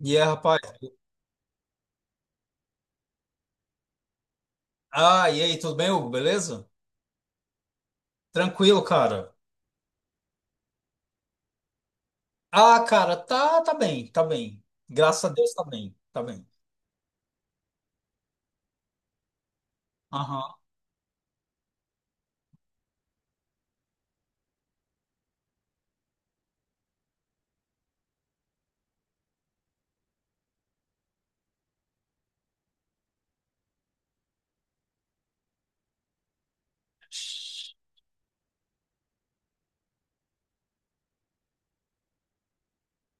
E aí, rapaz? Ah, e aí, tudo bem, Hugo? Beleza? Tranquilo, cara. Ah, cara, tá bem. Graças a Deus, tá bem. Aham.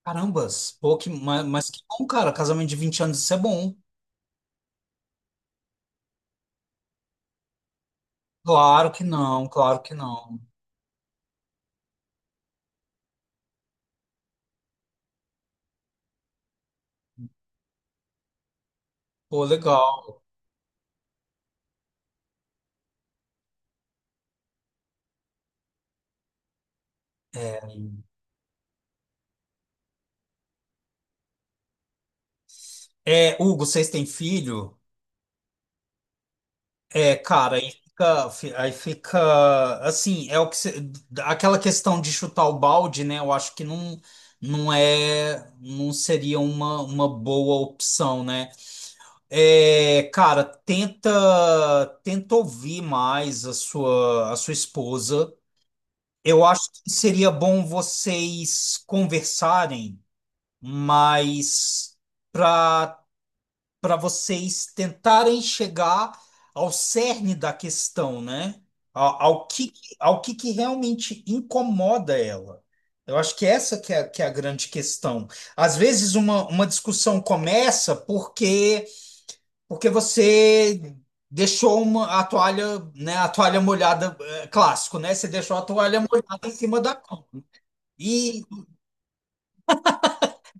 Carambas, pô, que, mas que bom, cara. Casamento de 20 anos, isso é bom. Claro que não, claro que não. Pô, legal. É, Hugo, vocês têm filho? É, cara, aí fica assim, aquela questão de chutar o balde, né? Eu acho que não, não seria uma boa opção, né? É, cara, tenta ouvir mais a a sua esposa. Eu acho que seria bom vocês conversarem, mas para para vocês tentarem chegar ao cerne da questão, né? Ao, ao que, ao que realmente incomoda ela. Eu acho que que é a grande questão. Às vezes uma discussão começa porque você deixou a toalha, né, a toalha molhada, é, clássico, né? Você deixou a toalha molhada em cima da cama. E,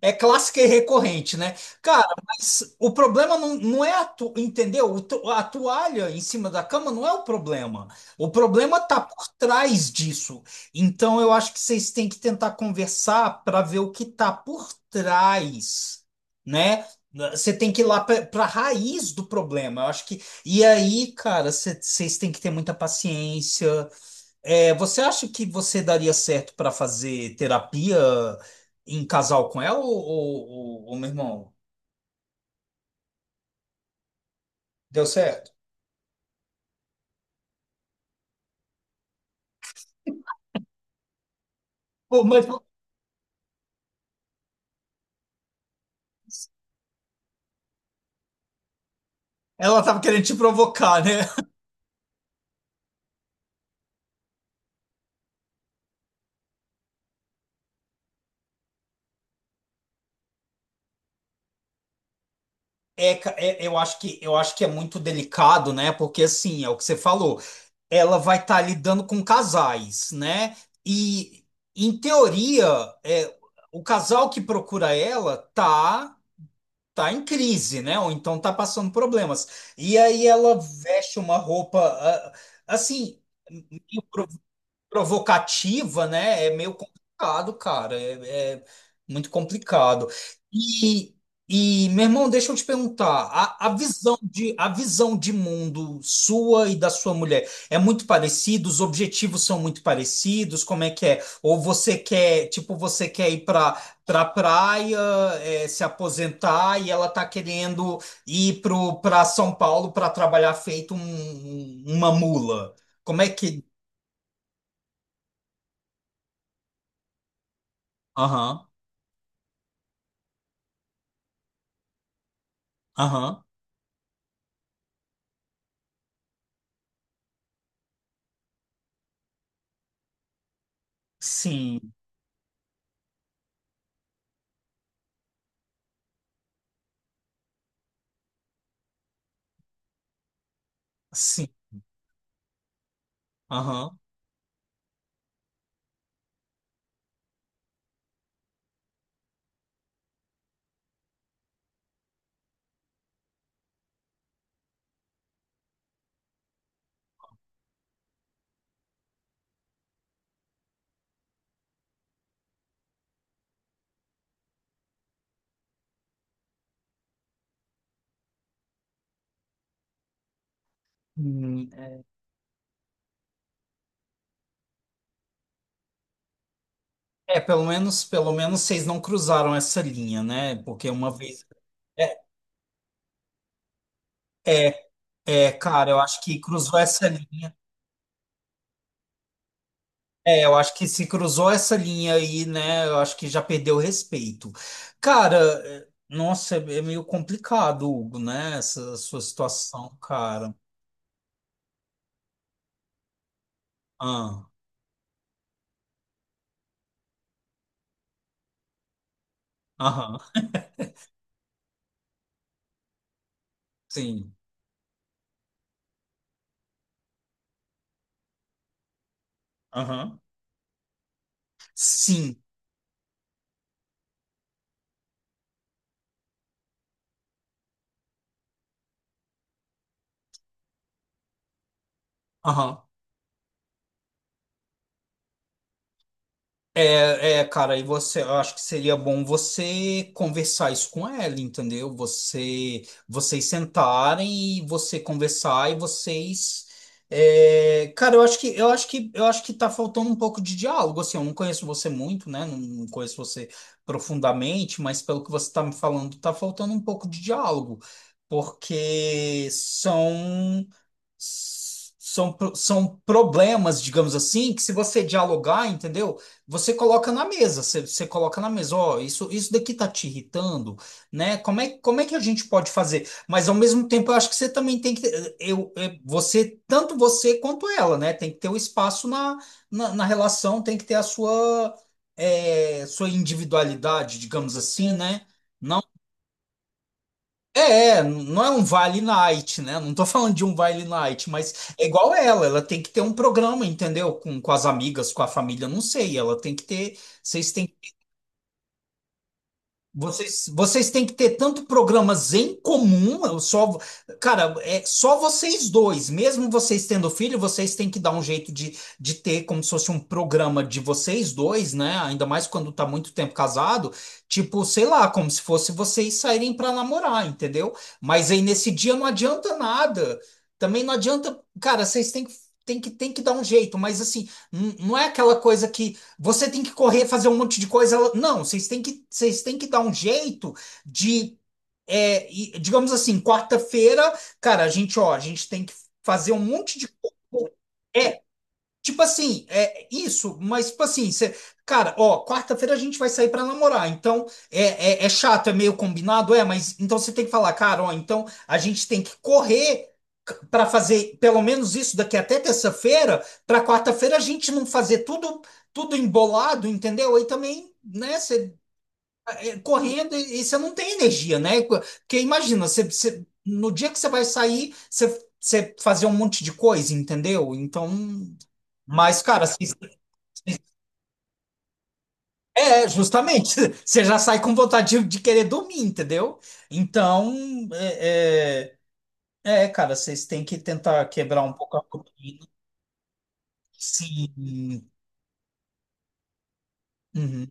é clássica e recorrente, né? Cara, mas o problema não é a tu, entendeu? A toalha em cima da cama não é o problema. O problema tá por trás disso. Então eu acho que vocês têm que tentar conversar para ver o que tá por trás, né? Você tem que ir lá para a raiz do problema. Eu acho que. E aí, cara, vocês têm que ter muita paciência. É, você acha que você daria certo para fazer terapia em casal com ela ou, ou, meu irmão? Deu certo? Pô, mas ela tava querendo te provocar, né? É, é, eu acho que é muito delicado, né? Porque assim, é o que você falou, ela vai estar lidando com casais, né? E em teoria, é, o casal que procura ela tá em crise, né? Ou então tá passando problemas. E aí ela veste uma roupa ah, assim, provocativa, né? É meio complicado, cara. É muito complicado. E, meu irmão, deixa eu te perguntar, a visão de mundo sua e da sua mulher é muito parecida? Os objetivos são muito parecidos? Como é que é? Ou você quer, tipo, você quer ir para pra pra praia, é, se aposentar e ela tá querendo ir pra São Paulo para trabalhar feito uma mula? Como é que... Aham. Aham. Sim, sim. Aham. Hum, é, é, pelo menos vocês não cruzaram essa linha, né? Porque uma vez. É, é, é, cara, eu acho que cruzou essa linha. É, eu acho que se cruzou essa linha aí, né? Eu acho que já perdeu o respeito. Cara, é, nossa, é meio complicado, Hugo, né? Essa sua situação, cara. Ah, aham, sim, aham, sim, aham. Cara, e você, eu acho que seria bom você conversar isso com ela, entendeu? Você, vocês sentarem e você conversar e vocês, é, cara, eu acho que tá faltando um pouco de diálogo, assim, eu não conheço você muito, né? Não, não conheço você profundamente, mas pelo que você tá me falando, tá faltando um pouco de diálogo, porque são, são problemas, digamos assim, que se você dialogar, entendeu? Você coloca na mesa, você coloca na mesa, ó, isso daqui tá te irritando, né? Como é que a gente pode fazer? Mas ao mesmo tempo, eu acho que você também tem que, você, tanto você quanto ela, né? Tem que ter o espaço na relação, tem que ter a é, sua individualidade, digamos assim, né? É, é, não é um Vale Night, né? Não tô falando de um Vale Night, mas é igual ela, tem que ter um programa, entendeu? Com as amigas, com a família, não sei. Ela tem que ter, vocês têm que ter tanto programas em comum, eu só, cara, é só vocês dois, mesmo vocês tendo filho, vocês têm que dar um jeito de ter como se fosse um programa de vocês dois, né? Ainda mais quando tá muito tempo casado, tipo, sei lá, como se fosse vocês saírem para namorar, entendeu? Mas aí nesse dia não adianta nada. Também não adianta, cara, vocês têm que Tem que, dar um jeito, mas assim, não é aquela coisa que você tem que correr, fazer um monte de coisa. Não, vocês têm que dar um jeito de, é, e, digamos assim, quarta-feira, cara, a gente tem que fazer um monte de coisa. É, tipo assim, é isso, mas tipo assim, cara, ó, quarta-feira a gente vai sair pra namorar, então é, é, é chato, é meio combinado, é, mas então você tem que falar, cara, ó, então a gente tem que correr pra fazer pelo menos isso daqui até terça-feira, pra quarta-feira a gente não fazer tudo embolado, entendeu? Aí também, né, você correndo e você não tem energia, né? Porque imagina, você no dia que você vai sair, você fazer um monte de coisa, entendeu? Então mas, cara, assim, é, justamente. Você já sai com vontade de querer dormir, entendeu? Então, é, é, é, cara, vocês têm que tentar quebrar um pouco a rotina. Sim. Uhum.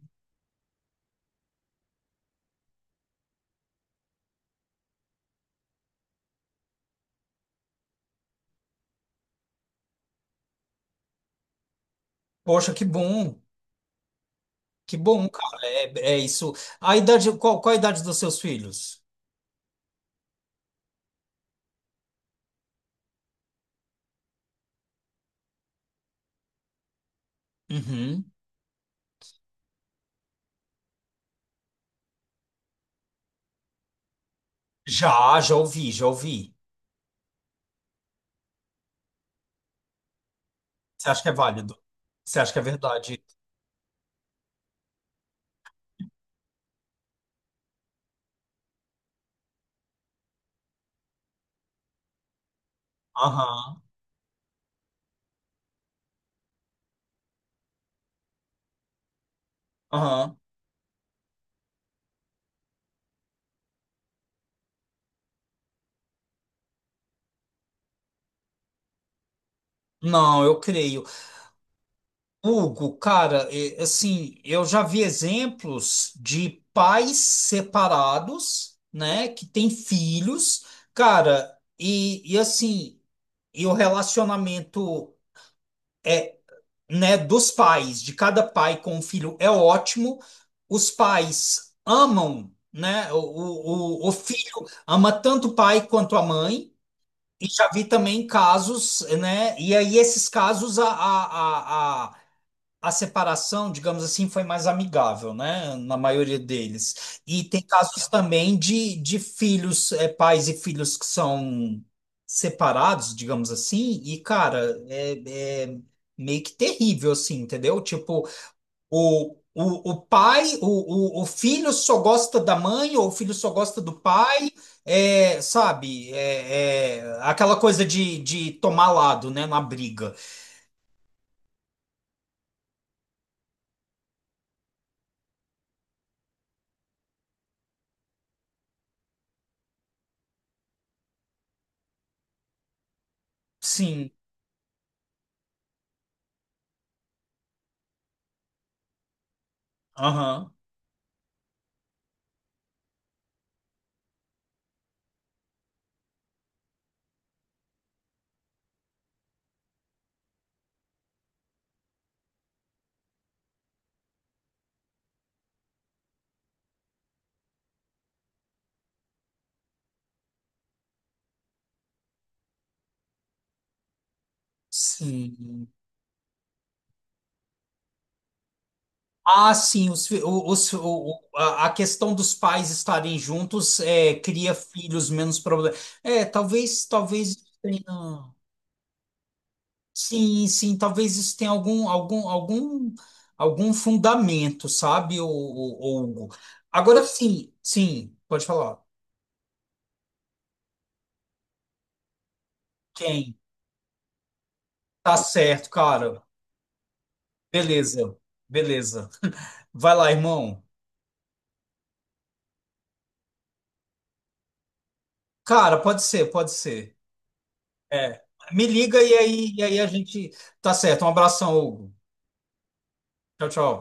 Poxa, que bom. Que bom, cara. É, é isso. A idade, qual a idade dos seus filhos? Uhum. Já, já ouvi, já ouvi. Você acha que é válido? Você acha que é verdade? Aham, aham. Não, eu creio. Hugo, cara, é, assim, eu já vi exemplos de pais separados, né, que têm filhos, cara, e assim, e o relacionamento, né, dos pais, de cada pai com o filho é ótimo. Os pais amam, né, o filho ama tanto o pai quanto a mãe, e já vi também casos, né, e aí esses casos a separação, digamos assim, foi mais amigável, né? Na maioria deles. E tem casos também de filhos, é, pais e filhos que são separados, digamos assim, e, cara, é meio que terrível, assim, entendeu? Tipo, o pai, o filho só gosta da mãe, ou o filho só gosta do pai, é, sabe? É, é aquela coisa de tomar lado, né? Na briga. Sim. Aham. Sim. Ah, sim, os, fi- o- os- o- a questão dos pais estarem juntos é, cria filhos menos problemas. É, talvez isso tenha- Sim, sim, talvez isso tenha algum fundamento, sabe, Hugo? Agora sim, sim, pode falar. Quem? Tá certo, cara. Beleza, beleza. Vai lá, irmão. Cara, pode ser, pode ser. É. Me liga e aí, a gente. Tá certo. Um abração, Hugo. Tchau, tchau.